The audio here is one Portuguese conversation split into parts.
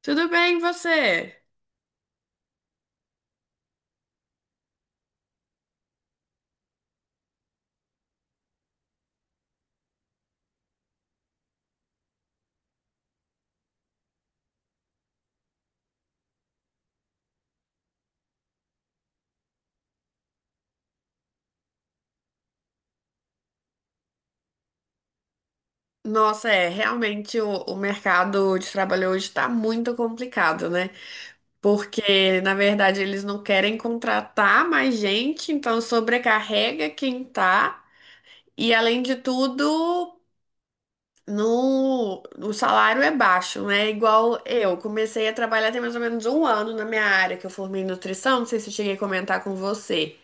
Tudo bem, e você? Nossa, é, realmente o mercado de trabalho hoje está muito complicado, né? Porque, na verdade, eles não querem contratar mais gente, então sobrecarrega quem tá. E, além de tudo, No, o salário é baixo, né? Igual eu comecei a trabalhar tem mais ou menos um ano na minha área, que eu formei em nutrição, não sei se eu cheguei a comentar com você.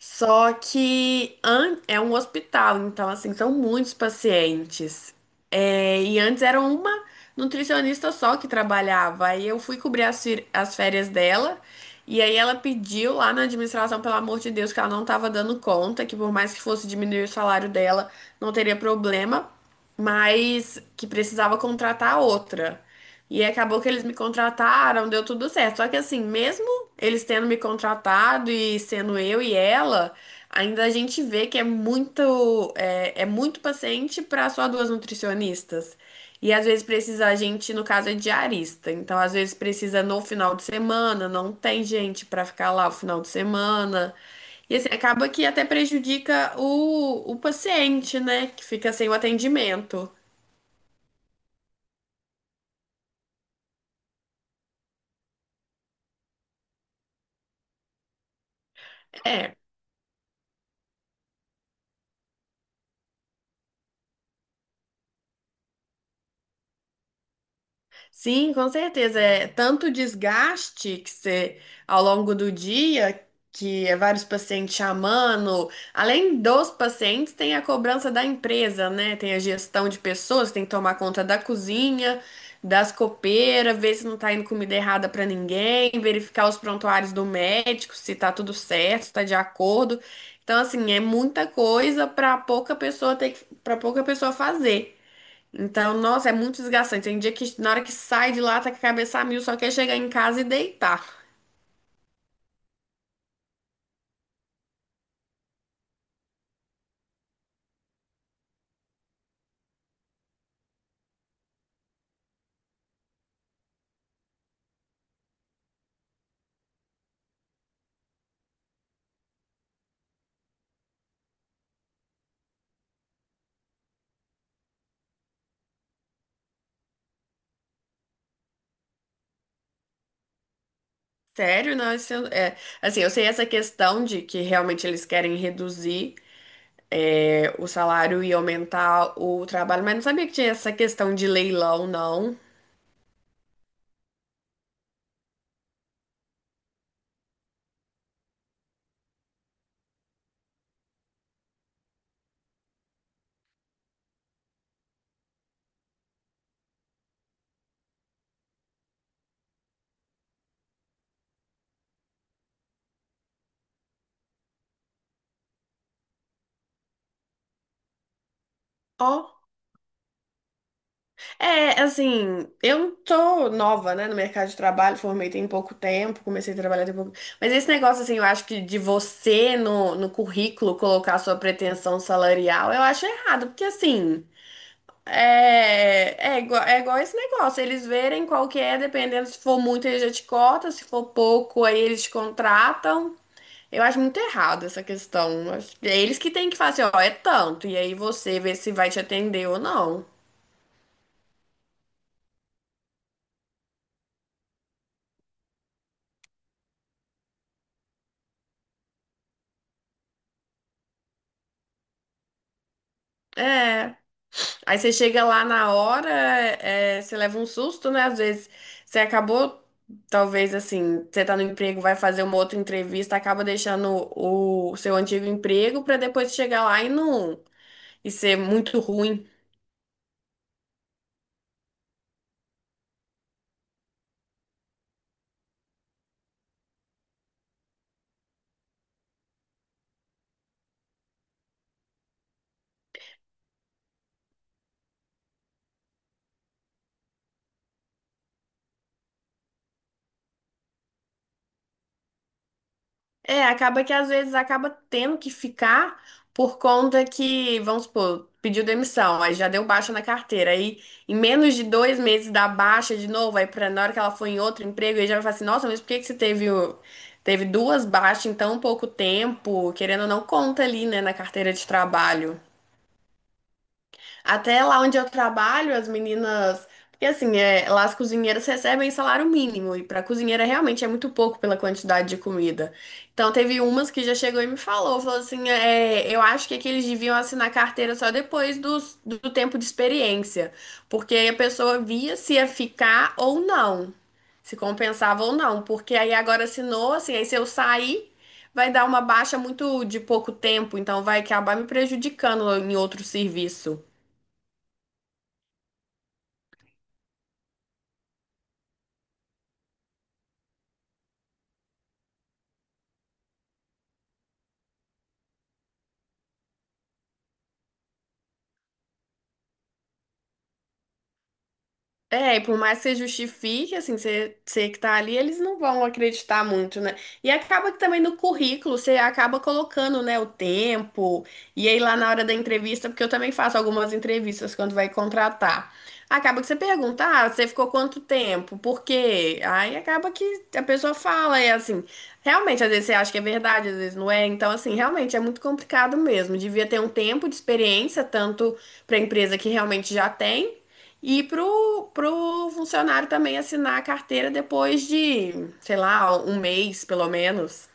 Só que é um hospital, então assim, são muitos pacientes. É, e antes era uma nutricionista só que trabalhava. Aí eu fui cobrir as férias dela, e aí ela pediu lá na administração, pelo amor de Deus, que ela não estava dando conta, que por mais que fosse diminuir o salário dela, não teria problema mas que precisava contratar outra. E acabou que eles me contrataram, deu tudo certo. Só que assim, mesmo eles tendo me contratado e sendo eu e ela, ainda a gente vê que é muito paciente para só duas nutricionistas. E às vezes precisa a gente, no caso é diarista. Então, às vezes precisa no final de semana, não tem gente para ficar lá o final de semana. E assim, acaba que até prejudica o paciente, né? Que fica sem o atendimento. É. Sim, com certeza. É tanto desgaste que você, ao longo do dia, que é vários pacientes chamando. Além dos pacientes, tem a cobrança da empresa, né? Tem a gestão de pessoas, tem que tomar conta da cozinha, das copeiras, ver se não tá indo comida errada para ninguém, verificar os prontuários do médico, se tá tudo certo, se tá de acordo. Então, assim, é muita coisa para pouca pessoa ter, para pouca pessoa fazer. Então, nossa, é muito desgastante. Tem dia que na hora que sai de lá tá com a cabeça a mil, só quer chegar em casa e deitar. Sério, não, isso assim, eu sei essa questão de que realmente eles querem reduzir o salário e aumentar o trabalho, mas não sabia que tinha essa questão de leilão, não. Ó, é, assim, eu não tô nova, né, no mercado de trabalho, formei tem pouco tempo, comecei a trabalhar tem pouco. Mas esse negócio, assim, eu acho que de você no currículo colocar sua pretensão salarial, eu acho errado, porque assim, é igual esse negócio, eles verem qual que é, dependendo se for muito, eles já te cortam, se for pouco, aí eles te contratam. Eu acho muito errado essa questão. Eu acho que é eles que têm que fazer, ó, é tanto, e aí você vê se vai te atender ou não. É, aí você chega lá na hora, é, você leva um susto, né? Às vezes você acabou, talvez assim, você tá no emprego, vai fazer uma outra entrevista, acaba deixando o seu antigo emprego para depois chegar lá e não e ser muito ruim. É, acaba que às vezes acaba tendo que ficar por conta que, vamos supor, pediu demissão, aí já deu baixa na carteira. Aí em menos de 2 meses dá baixa de novo, aí pra, na hora que ela for em outro emprego, aí já vai falar assim, nossa, mas por que que você teve, teve duas baixas em tão pouco tempo? Querendo ou não, conta ali, né, na carteira de trabalho. Até lá onde eu trabalho, as meninas. Porque assim, é, lá as cozinheiras recebem salário mínimo, e para cozinheira realmente é muito pouco pela quantidade de comida. Então teve umas que já chegou e me falou, falou assim, é, eu acho que, é que eles deviam assinar carteira só depois do tempo de experiência, porque aí a pessoa via se ia ficar ou não, se compensava ou não, porque aí agora assinou, assim, aí se eu sair, vai dar uma baixa muito de pouco tempo, então vai acabar me prejudicando em outro serviço. É, e por mais que você justifique, assim, você que tá ali, eles não vão acreditar muito, né? E acaba que também no currículo você acaba colocando, né, o tempo, e aí lá na hora da entrevista, porque eu também faço algumas entrevistas quando vai contratar. Acaba que você pergunta, ah, você ficou quanto tempo? Por quê? Aí acaba que a pessoa fala, e assim, realmente, às vezes você acha que é verdade, às vezes não é. Então, assim, realmente é muito complicado mesmo. Devia ter um tempo de experiência, tanto para a empresa que realmente já tem. E pro funcionário também assinar a carteira depois de, sei lá, um mês, pelo menos.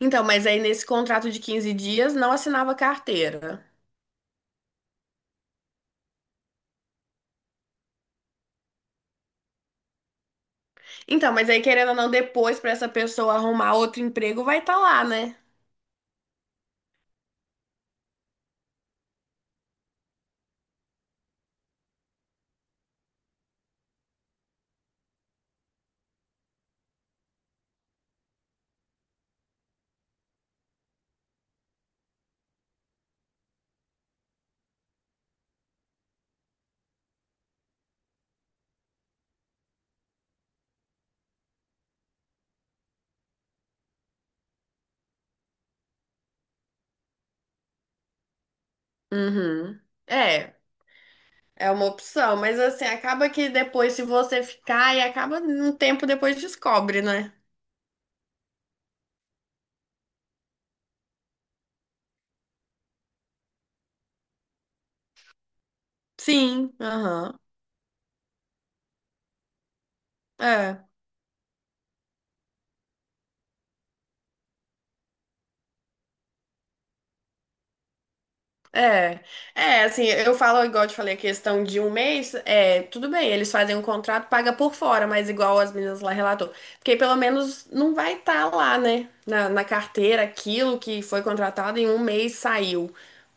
Então, mas aí nesse contrato de 15 dias não assinava carteira. Então, mas aí querendo ou não, depois para essa pessoa arrumar outro emprego vai estar lá, né? Uhum. É, é uma opção, mas assim, acaba que depois, se você ficar, e acaba um tempo depois descobre, né? Sim, aham. É, assim, eu falo, igual eu te falei, a questão de um mês, é, tudo bem, eles fazem um contrato, paga por fora, mas igual as meninas lá relatou, porque pelo menos não vai estar lá, né, na carteira, aquilo que foi contratado em um mês saiu,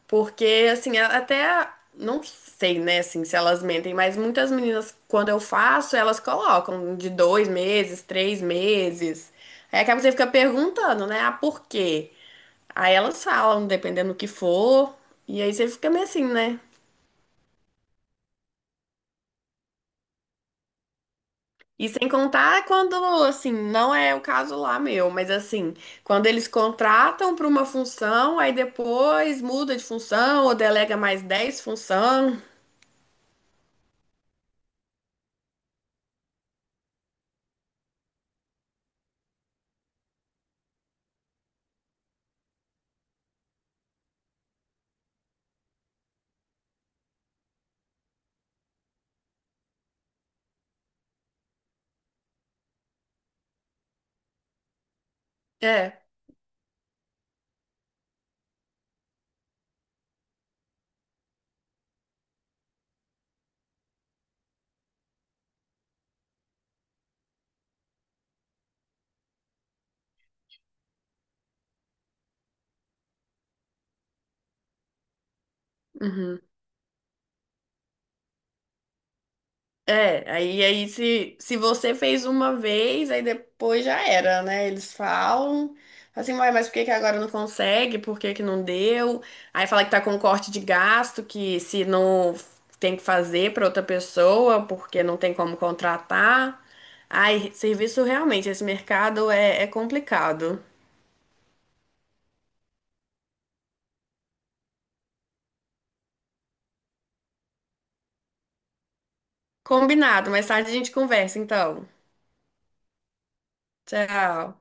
porque, assim, até, não sei, né, assim, se elas mentem, mas muitas meninas, quando eu faço, elas colocam de 2 meses, 3 meses, aí acaba que você fica perguntando, né, ah, por quê? Aí elas falam, dependendo do que for. E aí você fica meio assim, né? E sem contar quando, assim, não é o caso lá meu, mas assim, quando eles contratam para uma função, aí depois muda de função ou delega mais 10 função. É. Uhum. É, aí, aí se você fez uma vez, aí depois já era, né? Eles falam assim, "Uai, mas por que que agora não consegue? Por que que não deu?" Aí fala que tá com corte de gasto, que se não tem que fazer pra outra pessoa, porque não tem como contratar. Ai, serviço realmente, esse mercado é, é complicado. Combinado, mais tarde a gente conversa, então. Tchau.